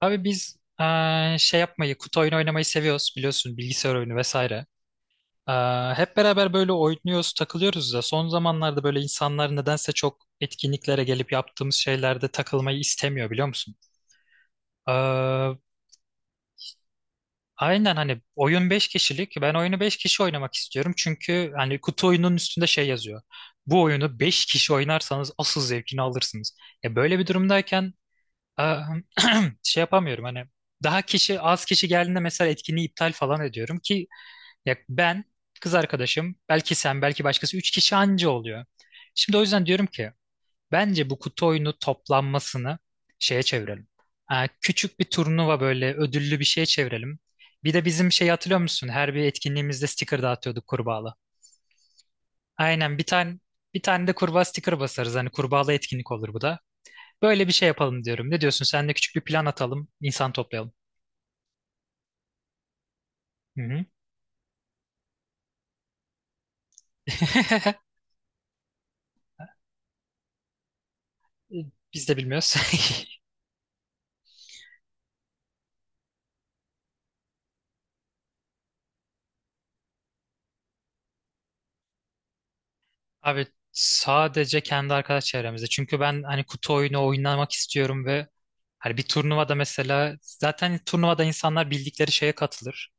Abi biz şey yapmayı, kutu oyunu oynamayı seviyoruz, biliyorsun, bilgisayar oyunu vesaire. Hep beraber böyle oynuyoruz, takılıyoruz da son zamanlarda böyle insanlar nedense çok etkinliklere gelip yaptığımız şeylerde takılmayı istemiyor, biliyor musun? Eee, aynen hani oyun 5 kişilik, ben oyunu 5 kişi oynamak istiyorum çünkü hani kutu oyunun üstünde şey yazıyor. Bu oyunu 5 kişi oynarsanız asıl zevkini alırsınız. Ya böyle bir durumdayken şey yapamıyorum, hani daha kişi az kişi geldiğinde mesela etkinliği iptal falan ediyorum ki ya ben, kız arkadaşım, belki sen, belki başkası, üç kişi anca oluyor. Şimdi o yüzden diyorum ki bence bu kutu oyunu toplanmasını şeye çevirelim. Ee, küçük bir turnuva, böyle ödüllü bir şeye çevirelim. Bir de bizim şey, hatırlıyor musun? Her bir etkinliğimizde sticker dağıtıyorduk, kurbağalı. Aynen. Bir tane de kurbağa sticker basarız. Hani kurbağalı etkinlik olur bu da. Böyle bir şey yapalım diyorum. Ne diyorsun? Sen de küçük bir plan atalım, insan toplayalım. Hı hı. Biz de bilmiyoruz. Abi sadece kendi arkadaş çevremizde. Çünkü ben hani kutu oyunu oynamak istiyorum ve hani bir turnuvada, mesela zaten turnuvada insanlar bildikleri şeye katılır.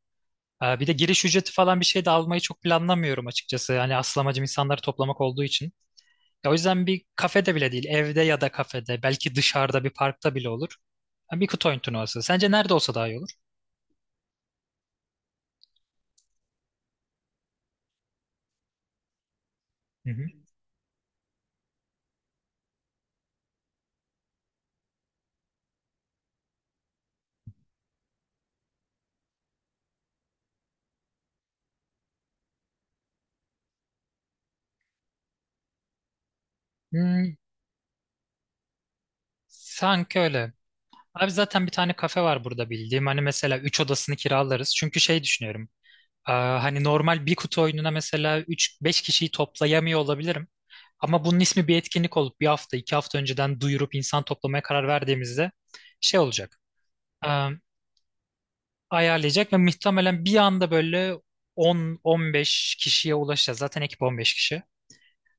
Bir de giriş ücreti falan bir şey de almayı çok planlamıyorum açıkçası. Hani asıl amacım insanları toplamak olduğu için. Ya o yüzden bir kafede bile değil, evde ya da kafede, belki dışarıda bir parkta bile olur. Ha, Bir kutu oyun turnuvası. Sence nerede olsa daha iyi olur? Hı hı. Hmm, sanki öyle. Abi zaten bir tane kafe var burada bildiğim. Hani mesela 3 odasını kiralarız. Çünkü şey düşünüyorum. Hani normal bir kutu oyununa mesela üç beş kişiyi toplayamıyor olabilirim. Ama bunun ismi bir etkinlik olup bir hafta, iki hafta önceden duyurup insan toplamaya karar verdiğimizde şey olacak. Aa, ayarlayacak ve muhtemelen bir anda böyle 10-15 kişiye ulaşacağız. Zaten ekip 15 kişi.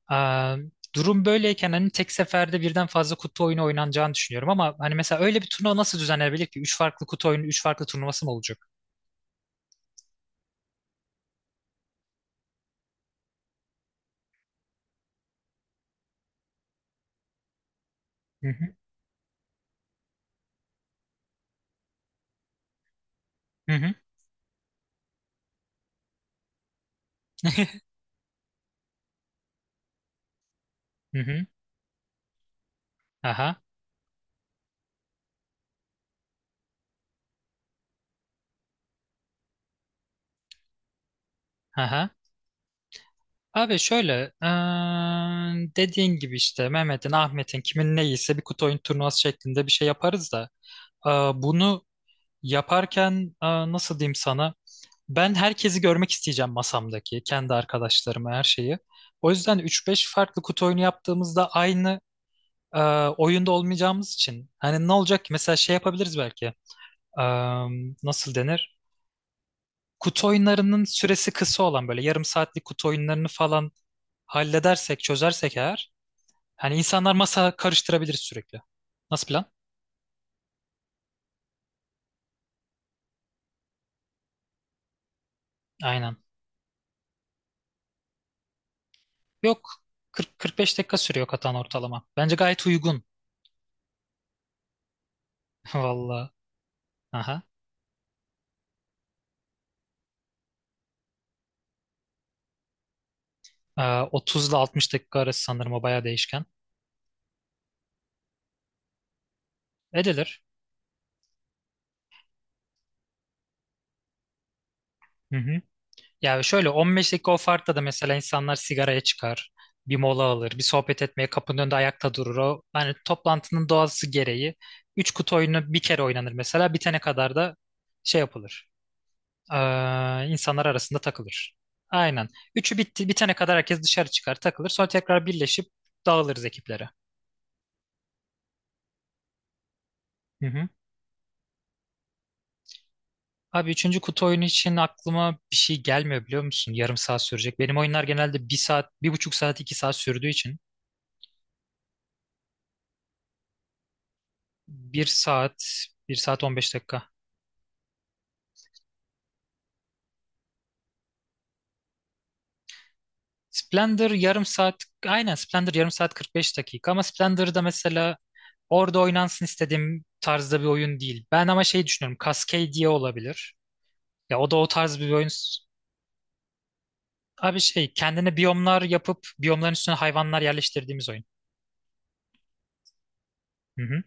Aa, durum böyleyken hani tek seferde birden fazla kutu oyunu oynanacağını düşünüyorum ama hani mesela öyle bir turnuva nasıl düzenlenebilir ki? Üç farklı kutu oyunu, üç farklı turnuvası mı olacak? Hı hı, hı hı, hı hı. Aha, aha. Abi şöyle, dediğin gibi işte Mehmet'in, Ahmet'in, kimin ne iyiyse bir kutu oyun turnuvası şeklinde bir şey yaparız da bunu yaparken nasıl diyeyim sana? Ben herkesi görmek isteyeceğim masamdaki, kendi arkadaşlarımı, her şeyi. O yüzden üç beş farklı kutu oyunu yaptığımızda aynı e, oyunda olmayacağımız için. Hani ne olacak ki? Mesela şey yapabiliriz belki. E, nasıl denir? Kutu oyunlarının süresi kısa olan böyle yarım saatlik kutu oyunlarını falan halledersek, çözersek eğer. Hani insanlar masa karıştırabiliriz sürekli. Nasıl plan? Aynen. Yok. 40-45 dakika sürüyor katan ortalama. Bence gayet uygun. Valla. Aha. E, 30 ile 60 dakika arası sanırım, o bayağı değişken. Edilir. Hı hı. Ya şöyle 15 dakika o farkla da mesela insanlar sigaraya çıkar, bir mola alır, bir sohbet etmeye kapının önünde ayakta durur. O hani toplantının doğası gereği 3 kutu oyunu bir kere oynanır mesela, bitene kadar da şey yapılır. Ee, insanlar arasında takılır. Aynen. Üçü bitti, bitene kadar herkes dışarı çıkar, takılır. Sonra tekrar birleşip dağılırız ekiplere. Hı hı. Abi üçüncü kutu oyunu için aklıma bir şey gelmiyor, biliyor musun? Yarım saat sürecek. Benim oyunlar genelde bir saat, bir buçuk saat, iki saat sürdüğü için. Bir saat, bir saat 15 dakika. Splendor yarım saat, aynen Splendor yarım saat 45 dakika, ama Splendor'da mesela orada oynansın istediğim tarzda bir oyun değil. Ben ama şey düşünüyorum, Cascadia olabilir. Ya o da o tarz bir oyun. Abi şey, kendine biyomlar yapıp biyomların üstüne hayvanlar yerleştirdiğimiz oyun. Hı hı.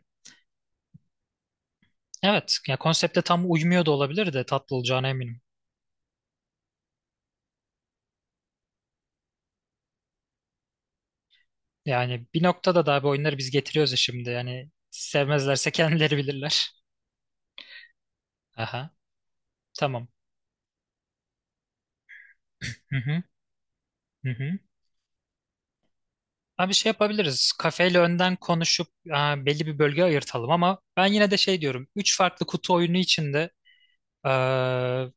Evet, ya konsepte tam uymuyor da olabilir de tatlı olacağına eminim. Yani bir noktada da abi oyunları biz getiriyoruz ya şimdi. Yani sevmezlerse kendileri bilirler. Aha, tamam. Hı hı, hı hı. Abi şey yapabiliriz. Kafeyle önden konuşup, e, belli bir bölge ayırtalım, ama ben yine de şey diyorum. Üç farklı kutu oyunu içinde, e,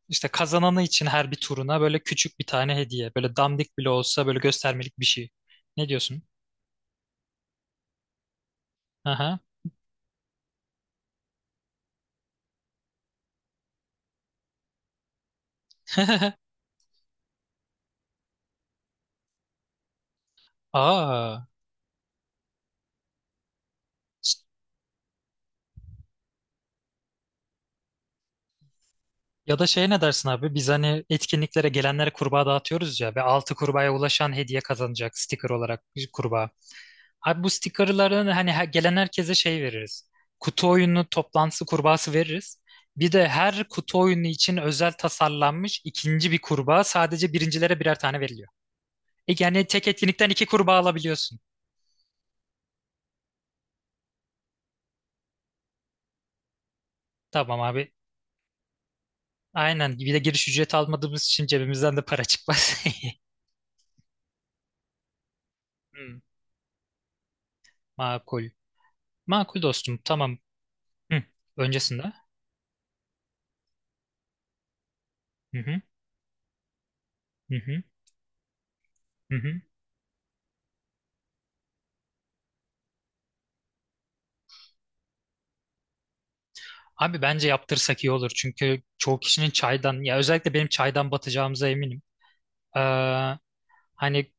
işte kazananı için her bir turuna böyle küçük bir tane hediye. Böyle dandik bile olsa böyle göstermelik bir şey. Ne diyorsun? Aha. Aa. Ya da şey, ne dersin abi? Biz hani etkinliklere gelenlere kurbağa dağıtıyoruz ya, ve altı kurbağaya ulaşan hediye kazanacak sticker olarak bir kurbağa. Abi bu stickerlarını hani gelen herkese şey veririz. Kutu oyunu toplantısı kurbağası veririz. Bir de her kutu oyunu için özel tasarlanmış ikinci bir kurbağa sadece birincilere birer tane veriliyor. E, yani tek etkinlikten iki kurbağa alabiliyorsun. Tamam abi. Aynen. Bir de giriş ücreti almadığımız için cebimizden de para çıkmaz. Hmm, Makul. Makul dostum. Tamam. Hı. Öncesinde. Hı hı. Hı hı. Hı hı. Abi bence yaptırsak iyi olur. Çünkü çoğu kişinin çaydan, ya özellikle benim çaydan batacağımıza eminim. Ee, hani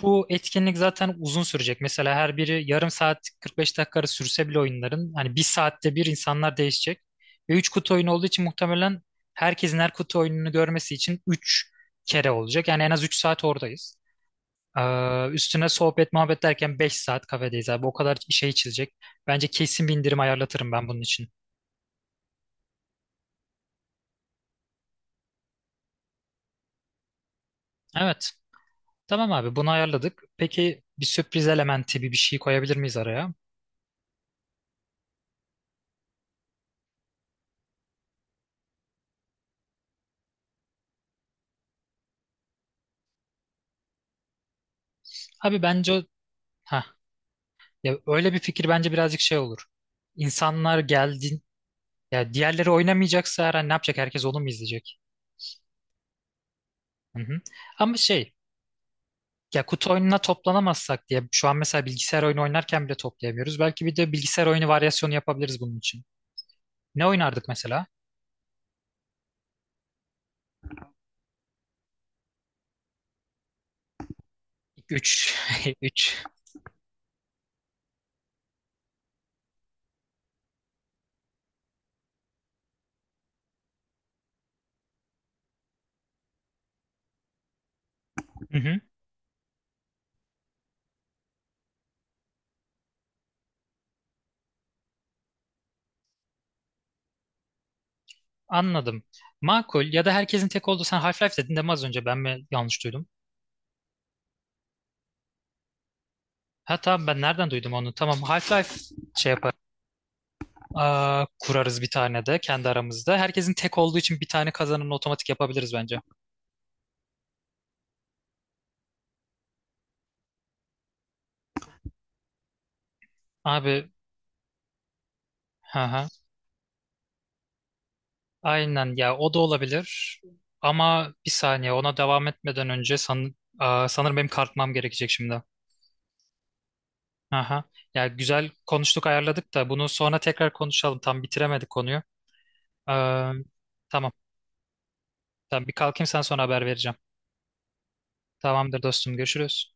bu etkinlik zaten uzun sürecek. Mesela her biri yarım saat 45 dakika arası sürse bile oyunların hani bir saatte bir insanlar değişecek. Ve 3 kutu oyunu olduğu için muhtemelen herkesin her kutu oyununu görmesi için 3 kere olacak. Yani en az 3 saat oradayız. Üstüne sohbet muhabbet derken 5 saat kafedeyiz abi. O kadar şey çizilecek. Bence kesin bir indirim ayarlatırım ben bunun için. Evet. Tamam abi bunu ayarladık. Peki bir sürpriz elementi, bir şey koyabilir miyiz araya? Abi bence o... Heh. Ya öyle bir fikir bence birazcık şey olur. İnsanlar geldin ya, diğerleri oynamayacaksa her an ne yapacak? Herkes onu mu izleyecek? Hı hı. Ama şey, ya kutu oyununa toplanamazsak diye şu an mesela bilgisayar oyunu oynarken bile toplayamıyoruz. Belki bir de bilgisayar oyunu varyasyonu yapabiliriz bunun için. Ne oynardık mesela? Üç üç. Hı hı. Anladım. Makul, ya da herkesin tek olduğu sen Half-Life dedin değil mi az önce, ben mi yanlış duydum? Ha tamam, ben nereden duydum onu? Tamam, Half-Life şey yapar. Aa, kurarız bir tane de kendi aramızda. Herkesin tek olduğu için bir tane kazanını otomatik yapabiliriz bence. Abi, hı hı. Aynen ya, o da olabilir. Ama bir saniye ona devam etmeden önce sanırım benim kalkmam gerekecek şimdi. Aha. Ya güzel konuştuk ayarladık da bunu sonra tekrar konuşalım. Tam bitiremedik konuyu. Ee, tamam. Tamam bir kalkayım sen sonra haber vereceğim. Tamamdır dostum görüşürüz.